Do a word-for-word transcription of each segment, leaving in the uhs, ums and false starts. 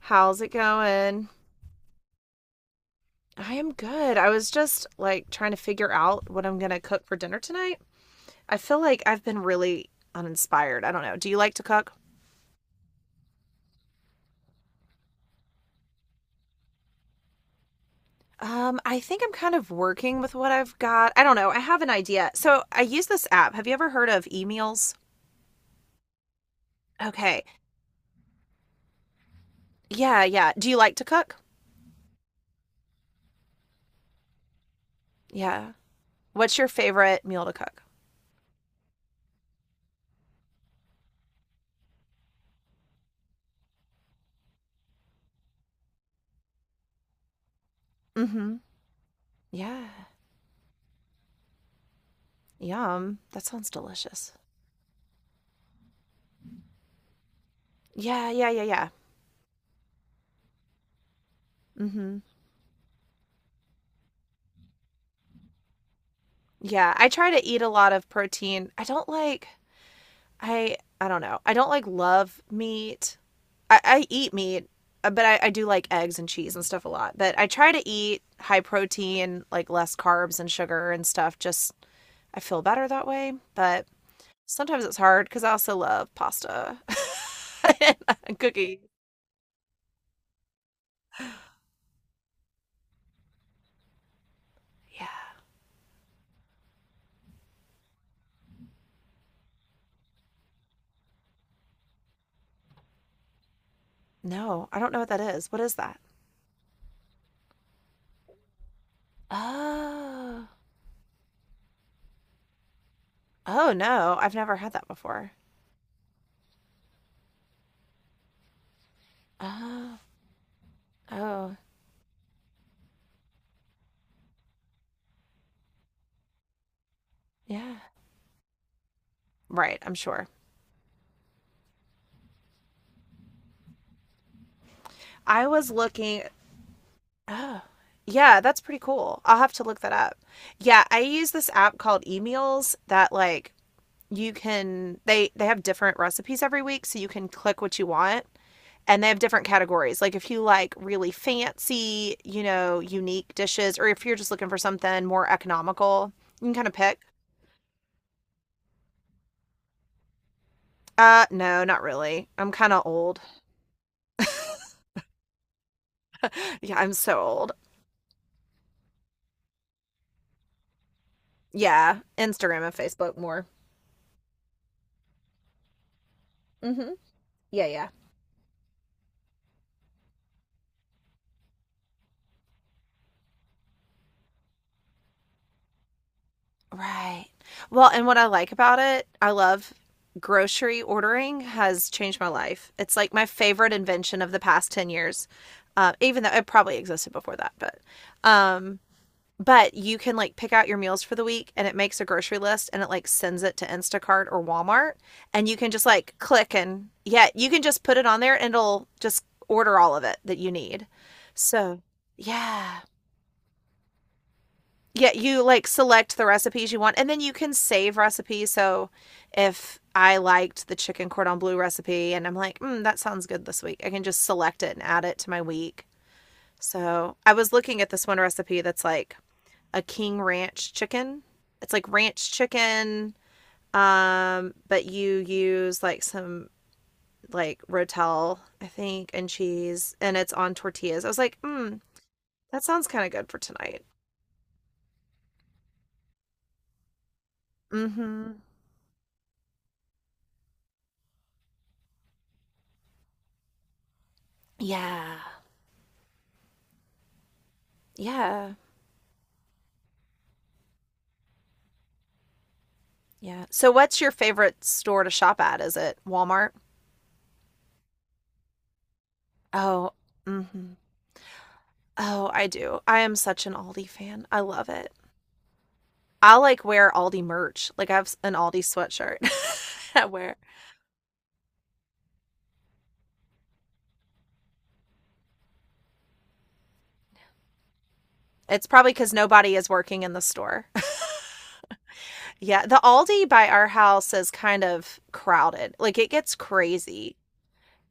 How's it going? I am good. I was just like trying to figure out what I'm going to cook for dinner tonight. I feel like I've been really uninspired. I don't know. Do you like to cook? Um, I think I'm kind of working with what I've got. I don't know. I have an idea. So I use this app. Have you ever heard of e-meals? Okay. Yeah, yeah. Do you like to cook? Yeah. What's your favorite meal to cook? Mm-hmm. Yeah. Yum. That sounds delicious. Yeah, yeah, yeah, yeah. Mm-hmm. Yeah, I try to eat a lot of protein. I don't like I I don't know. I don't like love meat. I, I eat meat, uh, but I, I do like eggs and cheese and stuff a lot. But I try to eat high protein, like less carbs and sugar and stuff. Just I feel better that way. But sometimes it's hard because I also love pasta and uh, cookies. Yeah. No, I don't know what that is. What is that? Oh. Oh no, I've never had that before. Oh. Oh. Yeah. Right, I'm sure. I was looking. Oh, yeah, that's pretty cool. I'll have to look that up. Yeah, I use this app called Emails that like you can they they have different recipes every week, so you can click what you want. And they have different categories. Like if you like really fancy, you know, unique dishes, or if you're just looking for something more economical, you can kind of pick. Uh, no, not really. I'm kind of old. Yeah, I'm so old. Yeah, Instagram and Facebook more. Mm-hmm. Yeah, yeah. Right. Well, and what I like about it, I love grocery ordering has changed my life. It's like my favorite invention of the past ten years. Uh, even though it probably existed before that, but um but you can like pick out your meals for the week, and it makes a grocery list and it like sends it to Instacart or Walmart, and you can just like click and, yeah, you can just put it on there and it'll just order all of it that you need. So, yeah. Yeah, you like select the recipes you want and then you can save recipes. So if I liked the chicken cordon bleu recipe and I'm like, mm, that sounds good this week, I can just select it and add it to my week. So I was looking at this one recipe that's like a king ranch chicken. It's like ranch chicken, um, but you use like some like rotel, I think, and cheese, and it's on tortillas. I was like, mm, that sounds kind of good for tonight. Mm-hmm. Yeah. Yeah. Yeah. So, what's your favorite store to shop at? Is it Walmart? Oh, mm-hmm. Oh, I do. I am such an Aldi fan. I love it. I like wear Aldi merch. Like I have an Aldi sweatshirt. I wear. It's probably because nobody is working in the store. Yeah, the Aldi by our house is kind of crowded. Like it gets crazy.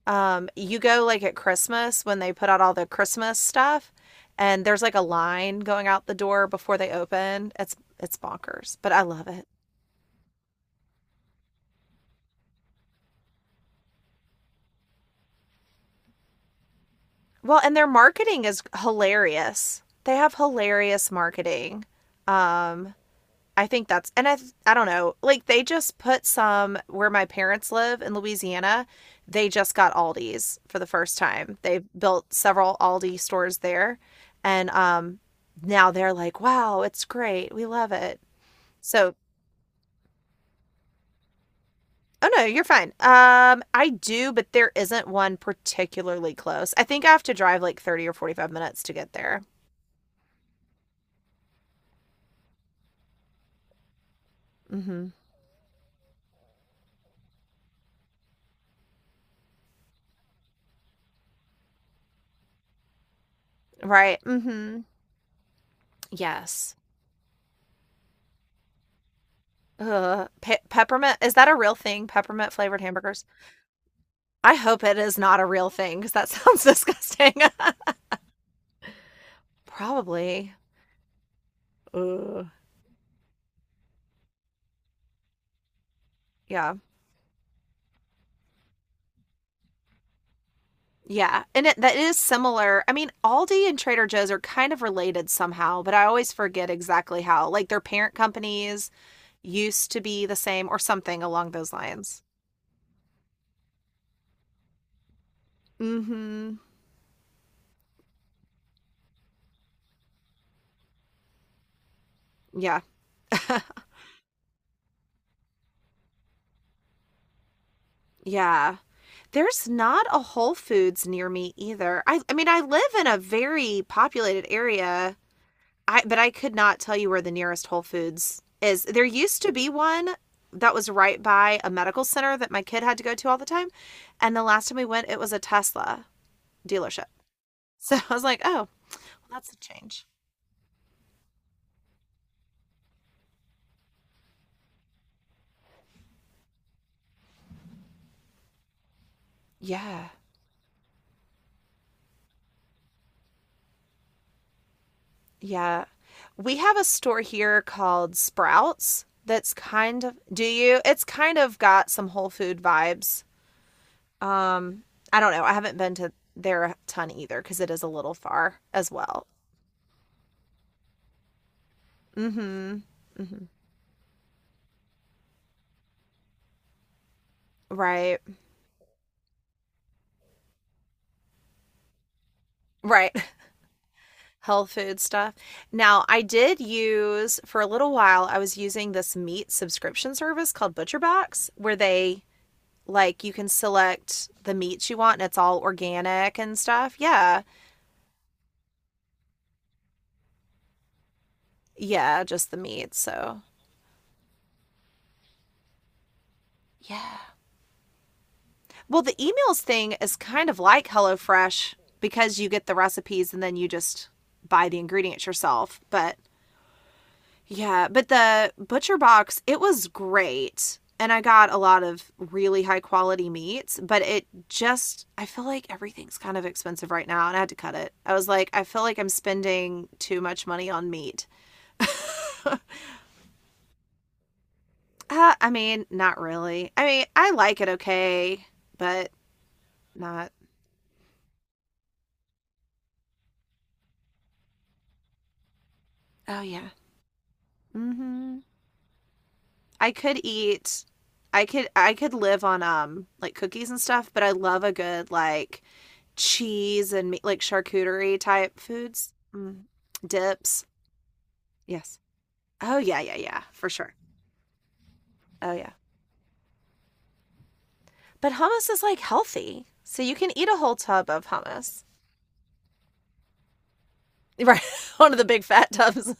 Um, you go like at Christmas when they put out all the Christmas stuff, and there's like a line going out the door before they open. It's it's bonkers, but I love it. Well, and their marketing is hilarious. They have hilarious marketing. Um, I think that's and I I don't know. Like they just put some where my parents live in Louisiana, they just got Aldi's for the first time. They've built several Aldi stores there and um now they're like, "Wow, it's great. We love it." So, oh no, you're fine. Um, I do, but there isn't one particularly close. I think I have to drive like thirty or forty-five minutes to get there. Mhm. Right. Mhm. Yes. Ugh. Pe- peppermint is that a real thing? Peppermint flavored hamburgers? I hope it is not a real thing cuz that sounds disgusting. Probably. Ugh. Yeah. Yeah. And it, that is similar. I mean, Aldi and Trader Joe's are kind of related somehow, but I always forget exactly how. Like their parent companies used to be the same or something along those lines. Mhm. Yeah. Yeah. There's not a Whole Foods near me either. I, I mean, I live in a very populated area, I, but I could not tell you where the nearest Whole Foods is. There used to be one that was right by a medical center that my kid had to go to all the time. And the last time we went, it was a Tesla dealership. So I was like, oh, well, that's a change. Yeah. Yeah. We have a store here called Sprouts that's kind of, do you? It's kind of got some Whole Food vibes. Um, I don't know. I haven't been to there a ton either because it is a little far as well. Mm-hmm. Mm-hmm. Right. Right. Health food stuff. Now, I did use for a little while, I was using this meat subscription service called ButcherBox, where they like you can select the meats you want and it's all organic and stuff. Yeah. Yeah, just the meat. So, yeah. Well, the emails thing is kind of like HelloFresh because you get the recipes and then you just buy the ingredients yourself. But yeah, but the butcher box, it was great. And I got a lot of really high quality meats, but it just, I feel like everything's kind of expensive right now and I had to cut it. I was like, I feel like I'm spending too much money on meat. uh, I mean, not really. I mean, I like it okay, but not. Oh, yeah. Mm hmm. I could eat I could I could live on um like cookies and stuff, but I love a good like cheese and meat, like charcuterie type foods, mm. Dips. Yes. Oh yeah, yeah, yeah, for sure. Oh yeah. But hummus is like healthy, so you can eat a whole tub of hummus. Right, one of the big fat tubs.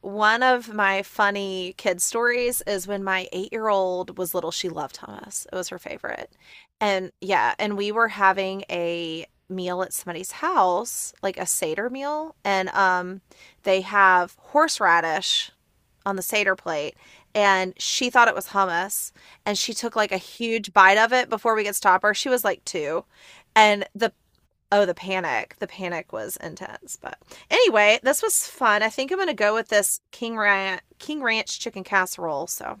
One of my funny kid stories is when my eight year old was little, she loved hummus. It was her favorite. And yeah, and we were having a meal at somebody's house, like a Seder meal. And um, they have horseradish on the Seder plate. And she thought it was hummus. And she took like a huge bite of it before we could stop her. She was like two. And the Oh, the panic. The panic was intense. But anyway, this was fun. I think I'm going to go with this King Ranch, King Ranch chicken casserole. So,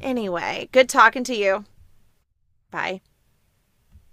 anyway, good talking to you. Bye.